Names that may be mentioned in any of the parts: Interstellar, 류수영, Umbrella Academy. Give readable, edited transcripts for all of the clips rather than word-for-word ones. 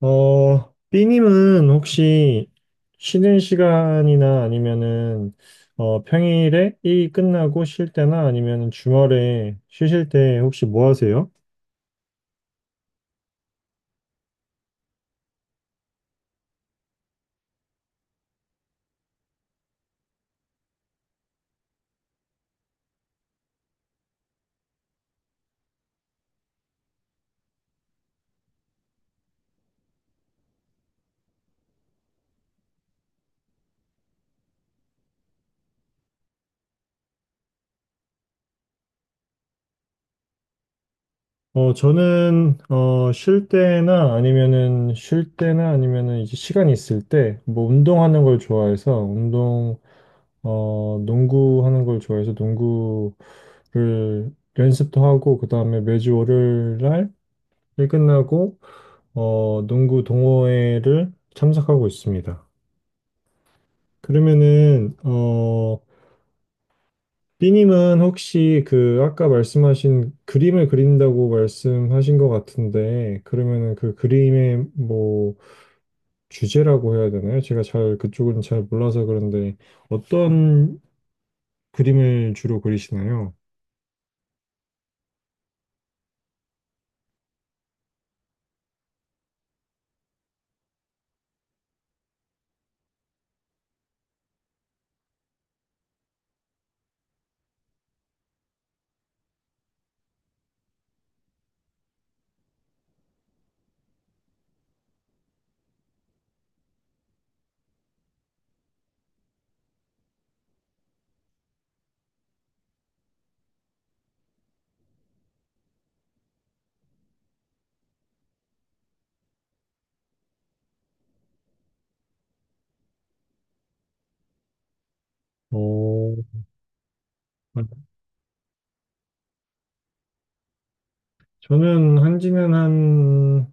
B님은 혹시 쉬는 시간이나 아니면은 평일에 일이 끝나고 쉴 때나 아니면은 주말에 쉬실 때 혹시 뭐 하세요? 저는 쉴 때나 아니면은 이제 시간이 있을 때 뭐 운동하는 걸 좋아해서 농구하는 걸 좋아해서 농구를 연습도 하고 그다음에 매주 월요일 날 일 끝나고 농구 동호회를 참석하고 있습니다. 그러면은, 삐님은 혹시 그 아까 말씀하신 그림을 그린다고 말씀하신 것 같은데, 그러면은 그 그림의 뭐 주제라고 해야 되나요? 제가 잘 그쪽은 잘 몰라서 그런데 어떤 그림을 주로 그리시나요? 어, 저는 한지는,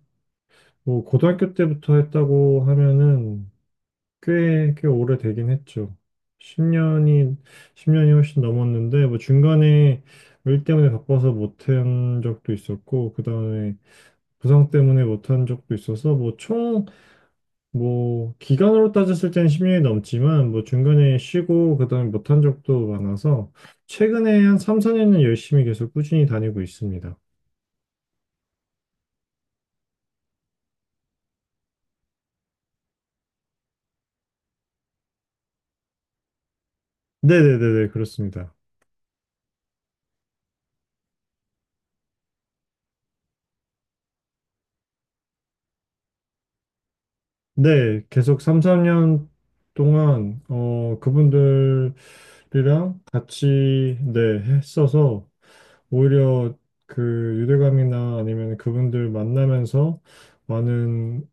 뭐 고등학교 때부터 했다고 하면은 꽤 오래되긴 했죠. 10년이, 십 년이 훨씬 넘었는데, 뭐 중간에 일 때문에 바빠서 못한 적도 있었고, 그 다음에 부상 때문에 못한 적도 있어서, 뭐 기간으로 따졌을 때는 10년 넘지만, 뭐 중간에 쉬고, 그 다음에 못한 적도 많아서, 최근에 한 3, 4년 열심히 계속 꾸준히 다니고 있습니다. 네네네네, 그렇습니다. 네, 계속 3, 4년 동안 그분들이랑 같이 네, 했어서 오히려 그 유대감이나 아니면 그분들 만나면서 많은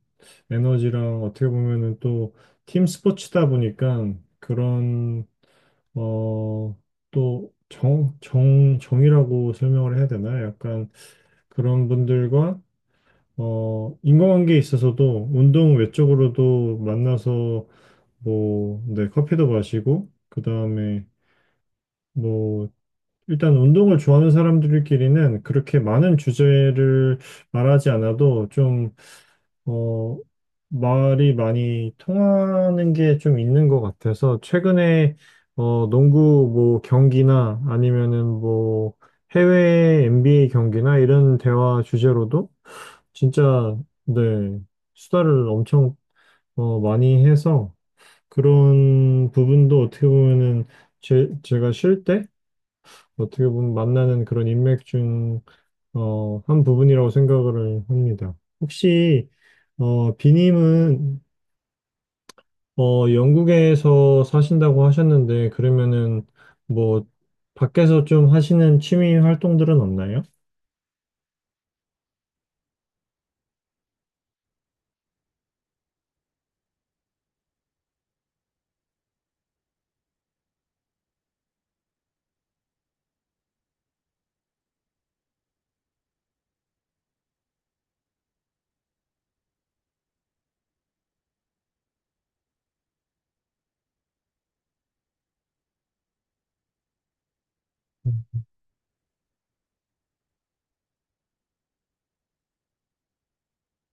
에너지랑 어떻게 보면은 또 팀 스포츠다 보니까 그런 어, 또 정이라고 설명을 해야 되나? 약간 그런 분들과 인간관계에 있어서도 운동 외적으로도 만나서 뭐, 네, 커피도 마시고, 그 다음에, 뭐, 일단 운동을 좋아하는 사람들끼리는 그렇게 많은 주제를 말하지 않아도 어, 말이 많이 통하는 게 좀 있는 것 같아서, 최근에, 농구 뭐 경기나 아니면은 뭐 해외 NBA 경기나 이런 대화 주제로도 진짜, 네, 수다를 엄청 많이 해서, 그런 부분도 어떻게 보면은 제가 쉴 때 어떻게 보면 만나는 그런 인맥 중, 한 부분이라고 생각을 합니다. 혹시, 비님은, 영국에서 사신다고 하셨는데, 그러면은 뭐, 밖에서 좀 하시는 취미 활동들은 없나요?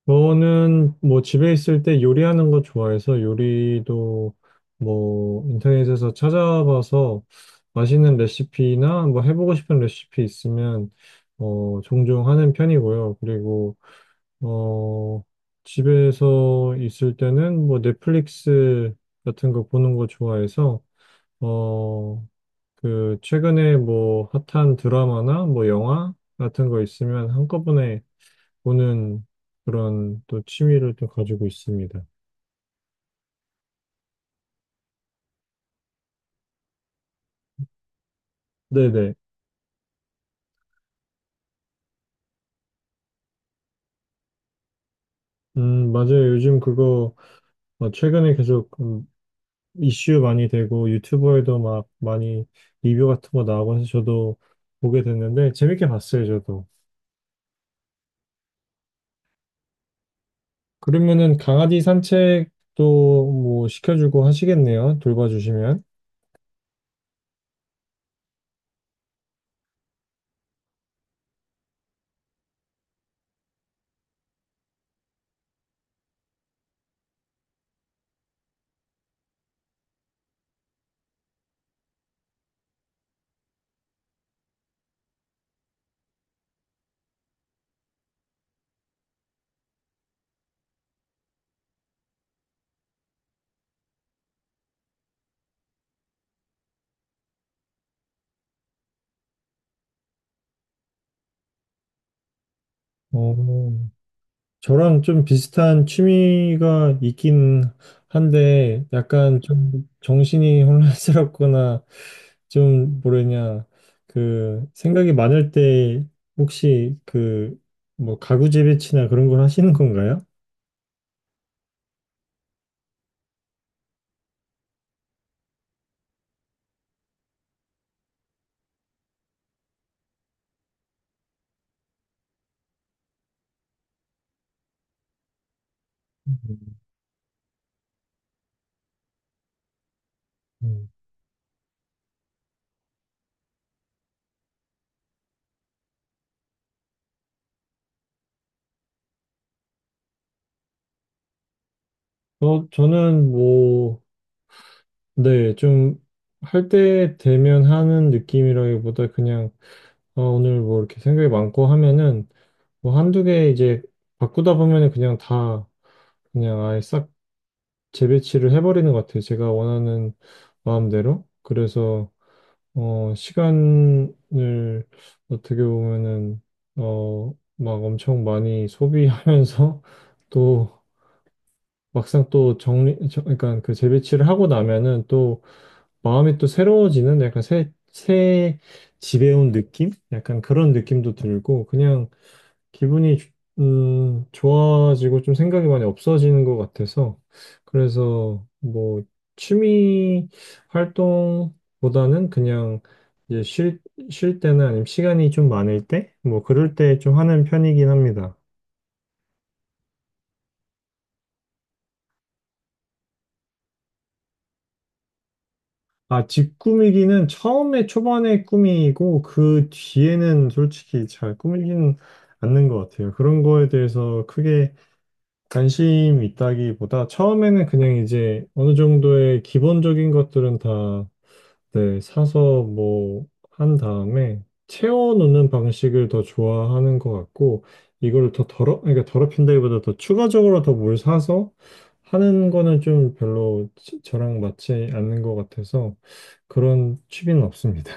저는 뭐 집에 있을 때 요리하는 거 좋아해서 요리도 뭐 인터넷에서 찾아봐서 맛있는 레시피나 뭐 해보고 싶은 레시피 있으면 종종 하는 편이고요. 그리고 어 집에서 있을 때는 뭐 넷플릭스 같은 거 보는 거 좋아해서 어 그 최근에 뭐 핫한 드라마나 뭐 영화 같은 거 있으면 한꺼번에 보는 그런 또 취미를 또 가지고 있습니다. 네네. 맞아요. 최근에 계속 이슈 많이 되고 유튜버에도 막 많이 리뷰 같은 거 나오고 해서 저도 보게 됐는데 재밌게 봤어요, 저도. 그러면은 강아지 산책도 뭐 시켜주고 하시겠네요. 돌봐주시면. 어, 저랑 좀 비슷한 취미가 있긴 한데, 약간 좀 정신이 혼란스럽거나, 좀 뭐랬냐, 그, 생각이 많을 때, 혹시 그, 뭐, 가구 재배치나 그런 걸 하시는 건가요? 음. 저는 뭐, 네, 할 때 되면 하는 느낌이라기보다 그냥, 오늘 뭐 이렇게 생각이 많고 하면은, 뭐 한두 개 이제 바꾸다 보면은 그냥 아예 싹 재배치를 해버리는 것 같아요. 제가 원하는 마음대로. 그래서, 시간을 어떻게 보면은, 어, 막 엄청 많이 소비하면서 또 막상 그러니까 그 재배치를 하고 나면은 또 마음이 또 새로워지는 약간 새 집에 온 느낌? 약간 그런 느낌도 들고 그냥 기분이 주- 좋아지고 좀 생각이 많이 없어지는 것 같아서 그래서 뭐 취미 활동보다는 그냥 이제 쉴, 쉴 때나 아니면 시간이 좀 많을 때 뭐 그럴 때 좀 하는 편이긴 합니다. 아, 집 꾸미기는 처음에 초반에 꾸미고 그 뒤에는 솔직히 잘 꾸미지는 않는 것 같아요. 그런 거에 대해서 크게 관심 있다기보다 처음에는 그냥 이제 어느 정도의 기본적인 것들은 다 네, 사서 뭐 한 다음에 채워놓는 방식을 더 좋아하는 것 같고 이걸 더 더럽 그러니까 더럽힌다기보다 더 추가적으로 더 뭘 사서 하는 거는 좀 별로 저랑 맞지 않는 것 같아서 그런 취미는 없습니다.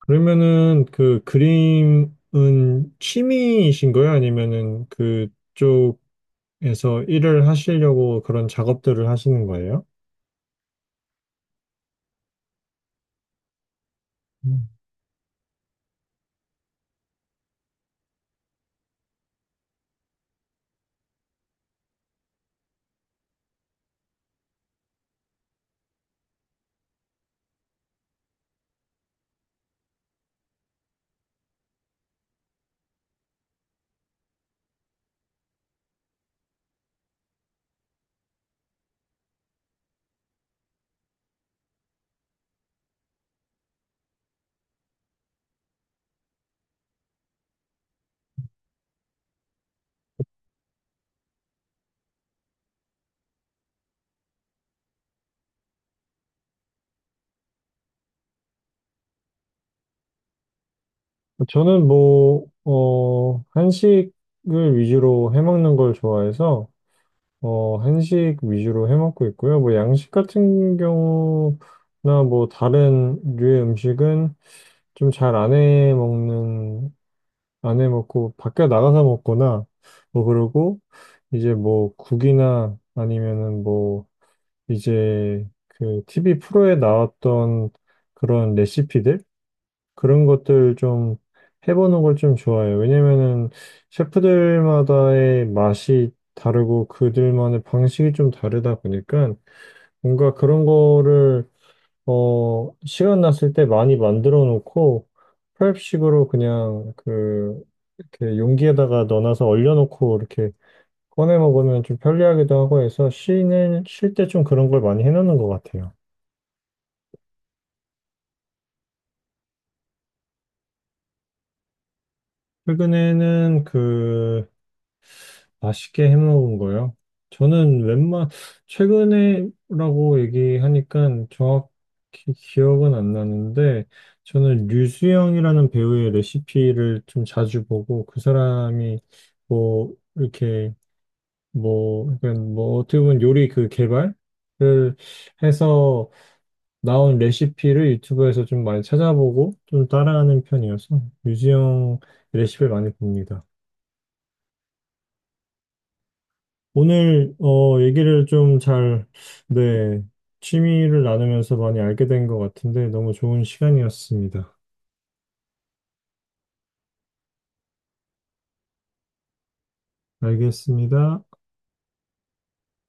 그러면은 그 그림은 취미이신 거예요? 아니면은 그쪽 에서 일을 하시려고 그런 작업들을 하시는 거예요? 음. 저는 뭐, 어, 한식을 위주로 해먹는 걸 좋아해서, 어, 한식 위주로 해먹고 있고요. 뭐, 양식 같은 경우나 뭐, 다른 류의 음식은 좀 잘 안 해먹는, 안 해먹고, 밖에 나가서 먹거나, 뭐, 그러고, 이제 뭐, 국이나 아니면은 뭐, 이제 그 TV 프로에 나왔던 그런 레시피들 그런 것들 좀 해보는 걸 좀 좋아해요. 왜냐면은 셰프들마다의 맛이 다르고 그들만의 방식이 좀 다르다 보니까 뭔가 그런 거를 시간 났을 때 많이 만들어 놓고 프렙식으로 그냥 그 이렇게 용기에다가 넣어놔서 얼려놓고 이렇게 꺼내 먹으면 좀 편리하기도 하고 해서 쉬는 쉴 때 좀 그런 걸 많이 해놓는 것 같아요. 최근에는 그 맛있게 해먹은 거요. 저는 웬만 최근에라고 얘기하니까 정확히 기억은 안 나는데 저는 류수영이라는 배우의 레시피를 좀 자주 보고 그 사람이 뭐 이렇게 뭐 약간 뭐 어떻게 보면 요리 그 개발을 해서 나온 레시피를 유튜브에서 좀 많이 찾아보고 좀 따라하는 편이어서 류수영 레시피를 많이 봅니다. 오늘 네, 취미를 나누면서 많이 알게 된 것 같은데 너무 좋은 시간이었습니다. 알겠습니다.